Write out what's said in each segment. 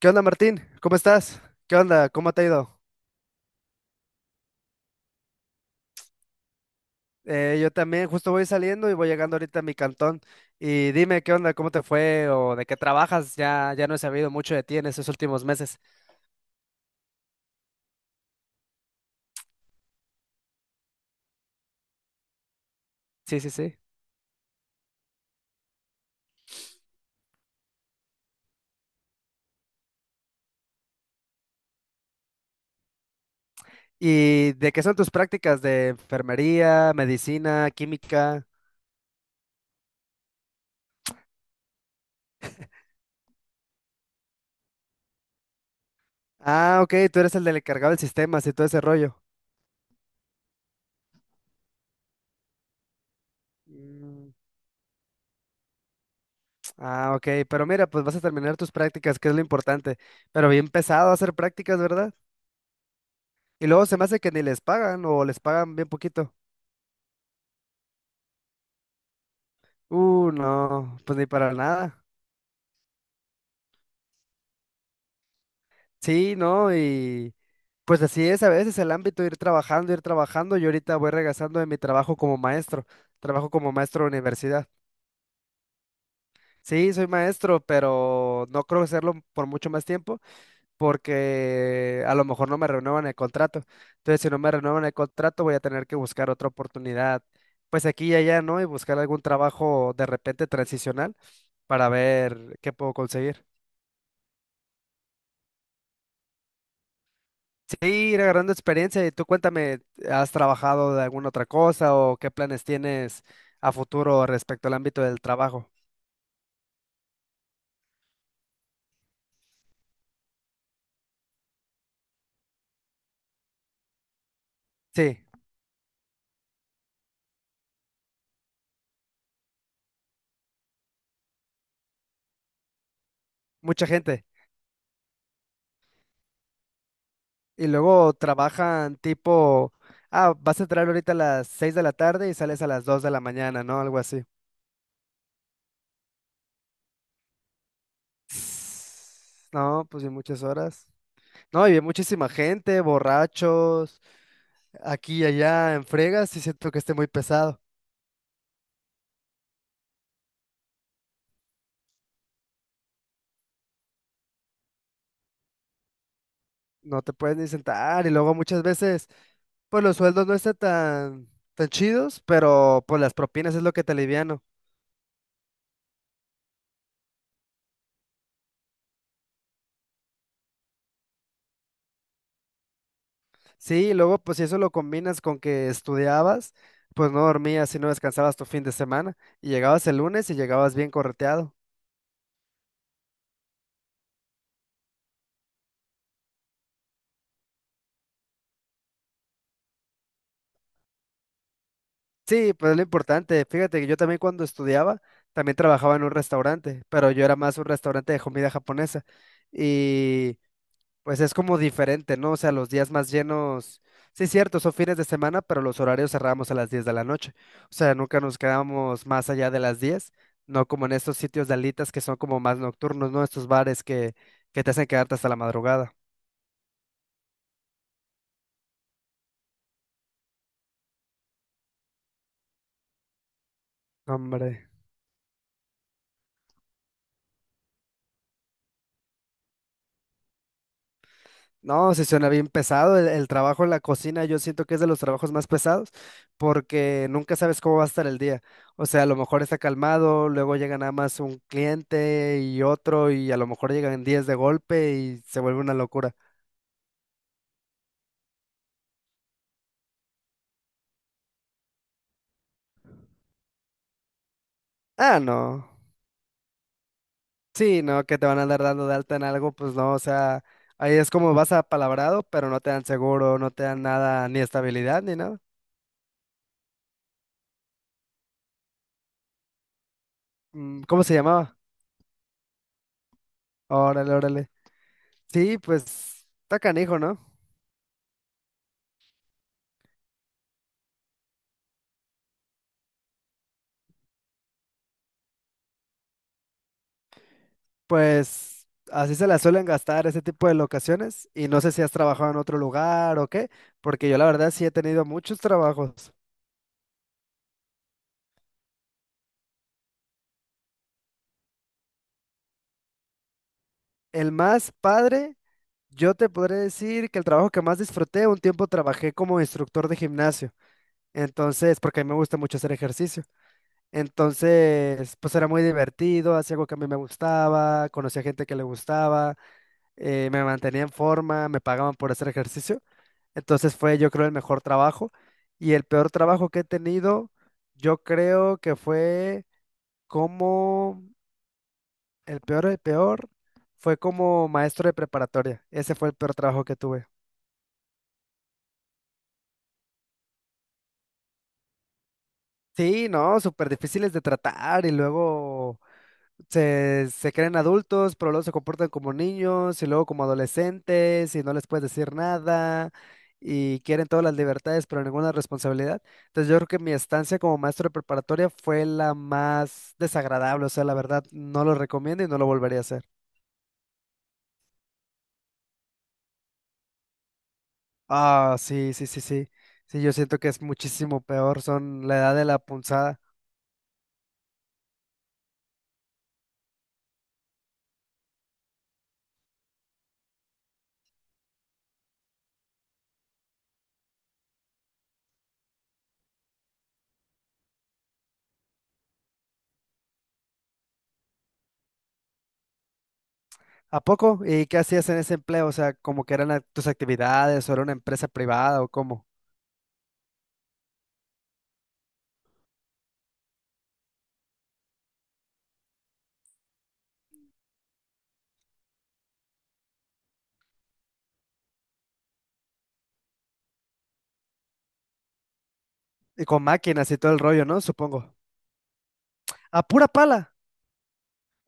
¿Qué onda, Martín? ¿Cómo estás? ¿Qué onda? ¿Cómo te ha ido? Yo también justo voy saliendo y voy llegando ahorita a mi cantón. Y dime, ¿qué onda? ¿Cómo te fue? ¿O de qué trabajas? Ya no he sabido mucho de ti en estos últimos meses. Sí, sí, sí. ¿Y de qué son tus prácticas? ¿De enfermería, medicina, química? Ah, ok, tú eres el del encargado del sistema, y todo ese rollo. Mm. Ah, ok, pero mira, pues vas a terminar tus prácticas, que es lo importante. Pero bien pesado hacer prácticas, ¿verdad? Y luego se me hace que ni les pagan o les pagan bien poquito. No, pues ni para nada. Sí, no, y pues así es a veces el ámbito, ir trabajando, ir trabajando. Yo ahorita voy regresando de mi trabajo como maestro de universidad. Sí, soy maestro, pero no creo hacerlo por mucho más tiempo porque a lo mejor no me renuevan el contrato. Entonces, si no me renuevan el contrato, voy a tener que buscar otra oportunidad, pues aquí y allá, ¿no? Y buscar algún trabajo de repente transicional para ver qué puedo conseguir. Sí, ir agarrando experiencia. Y tú cuéntame, ¿has trabajado de alguna otra cosa o qué planes tienes a futuro respecto al ámbito del trabajo? Sí, mucha gente. Y luego trabajan tipo, ah, vas a entrar ahorita a las 6 de la tarde y sales a las 2 de la mañana, ¿no? Algo así. No, pues y muchas horas. No, y hay muchísima gente, borrachos, aquí y allá en fregas, y siento que esté muy pesado. No te puedes ni sentar y luego muchas veces, pues los sueldos no están tan, chidos, pero pues las propinas es lo que te aliviano. Sí, y luego pues si eso lo combinas con que estudiabas, pues no dormías y no descansabas tu fin de semana y llegabas el lunes y llegabas bien correteado. Sí, pues es lo importante. Fíjate que yo también cuando estudiaba, también trabajaba en un restaurante, pero yo era más un restaurante de comida japonesa. Y pues es como diferente, ¿no? O sea, los días más llenos, sí, cierto, son fines de semana, pero los horarios cerramos a las 10 de la noche. O sea, nunca nos quedamos más allá de las 10. No como en estos sitios de alitas que son como más nocturnos, ¿no? Estos bares que te hacen quedarte hasta la madrugada. No, hombre. No, sí suena bien pesado. El trabajo en la cocina yo siento que es de los trabajos más pesados porque nunca sabes cómo va a estar el día. O sea, a lo mejor está calmado, luego llega nada más un cliente y otro y a lo mejor llegan 10 de golpe y se vuelve una locura. Ah, no. Sí, no, que te van a andar dando de alta en algo, pues no, o sea, ahí es como vas apalabrado, pero no te dan seguro, no te dan nada, ni estabilidad, ni nada. Mm, ¿cómo se llamaba? Órale, órale. Sí, pues está canijo, ¿no? Pues así se la suelen gastar ese tipo de locaciones y no sé si has trabajado en otro lugar o qué, porque yo la verdad sí he tenido muchos trabajos. El más padre, yo te podré decir que el trabajo que más disfruté, un tiempo trabajé como instructor de gimnasio, entonces, porque a mí me gusta mucho hacer ejercicio, entonces, pues era muy divertido, hacía algo que a mí me gustaba, conocía gente que le gustaba, me mantenía en forma, me pagaban por hacer ejercicio. Entonces fue, yo creo, el mejor trabajo. Y el peor trabajo que he tenido, yo creo que fue como, el peor, fue como maestro de preparatoria. Ese fue el peor trabajo que tuve. Sí, no, súper difíciles de tratar y luego... Se creen adultos, pero luego se comportan como niños y luego como adolescentes y no les puedes decir nada y quieren todas las libertades, pero ninguna responsabilidad. Entonces yo creo que mi estancia como maestro de preparatoria fue la más desagradable, o sea, la verdad no lo recomiendo y no lo volvería a hacer. Ah, sí, sí, sí, sí. Sí, yo siento que es muchísimo peor, son la edad de la punzada. ¿A poco? ¿Y qué hacías en ese empleo? O sea, como que eran tus actividades o era una empresa privada o cómo. Y con máquinas y todo el rollo, ¿no? Supongo. A pura pala,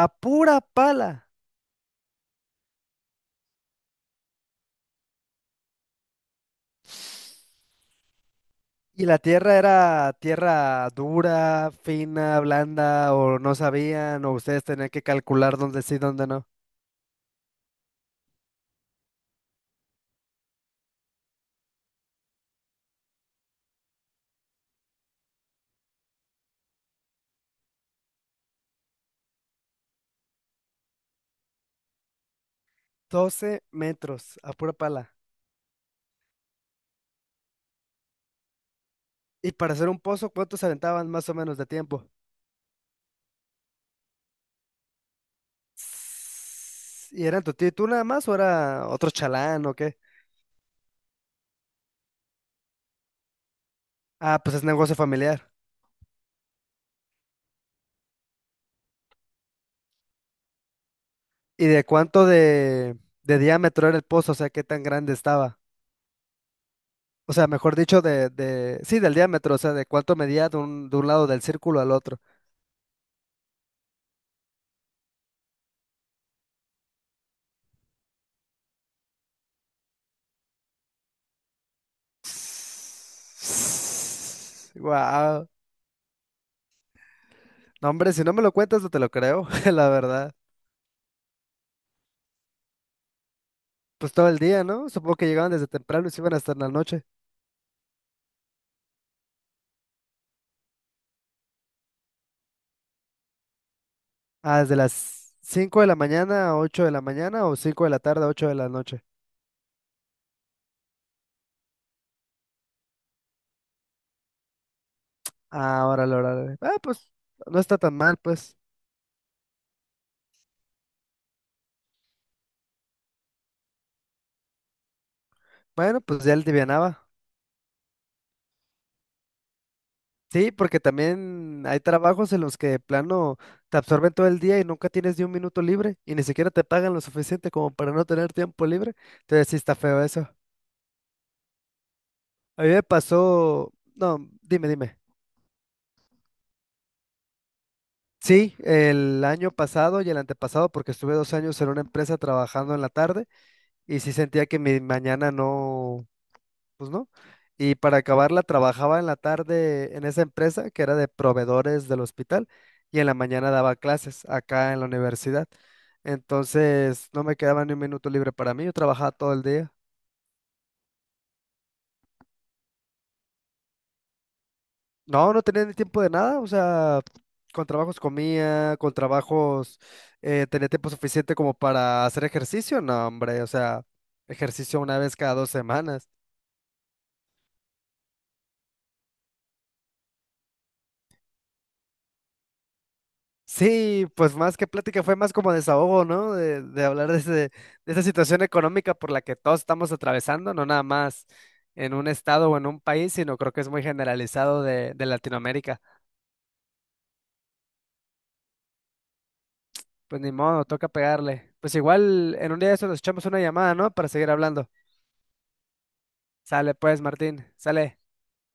a pura pala. Y la tierra era tierra dura, fina, blanda, o no sabían, o ustedes tenían que calcular dónde sí, dónde no. 12 metros, a pura pala. Y para hacer un pozo, ¿cuántos aventaban más o menos de tiempo? Sss, ¿y eran tu tío y tú nada más o era otro chalán o qué? Ah, pues es negocio familiar. ¿Y de cuánto de diámetro era el pozo? O sea, ¿qué tan grande estaba? O sea, mejor dicho, sí, del diámetro, o sea, de cuánto medía de un lado del círculo al otro. Wow. No, hombre, si no me lo cuentas, no te lo creo, la verdad. Pues todo el día, ¿no? Supongo que llegaban desde temprano y se iban hasta en la noche. Ah, desde las 5 de la mañana a 8 de la mañana o 5 de la tarde a 8 de la noche. Ah, órale, órale. Ah, pues no está tan mal, pues. Bueno, pues ya él divianaba. Sí, porque también hay trabajos en los que de plano te absorben todo el día y nunca tienes ni un minuto libre y ni siquiera te pagan lo suficiente como para no tener tiempo libre. Entonces sí está feo eso. A mí me pasó, no, dime, dime. Sí, el año pasado y el antepasado, porque estuve 2 años en una empresa trabajando en la tarde y sí sentía que mi mañana no, pues no. Y para acabarla, trabajaba en la tarde en esa empresa que era de proveedores del hospital y en la mañana daba clases acá en la universidad. Entonces, no me quedaba ni un minuto libre para mí, yo trabajaba todo el día. No, no tenía ni tiempo de nada, o sea, con trabajos comía, con trabajos tenía tiempo suficiente como para hacer ejercicio, no, hombre, o sea, ejercicio una vez cada 2 semanas. Sí, pues más que plática fue más como desahogo, ¿no? De hablar de, de esa situación económica por la que todos estamos atravesando, no nada más en un estado o en un país, sino creo que es muy generalizado de, Latinoamérica. Pues ni modo, toca pegarle. Pues igual en un día de eso nos echamos una llamada, ¿no? Para seguir hablando. Sale pues, Martín, sale.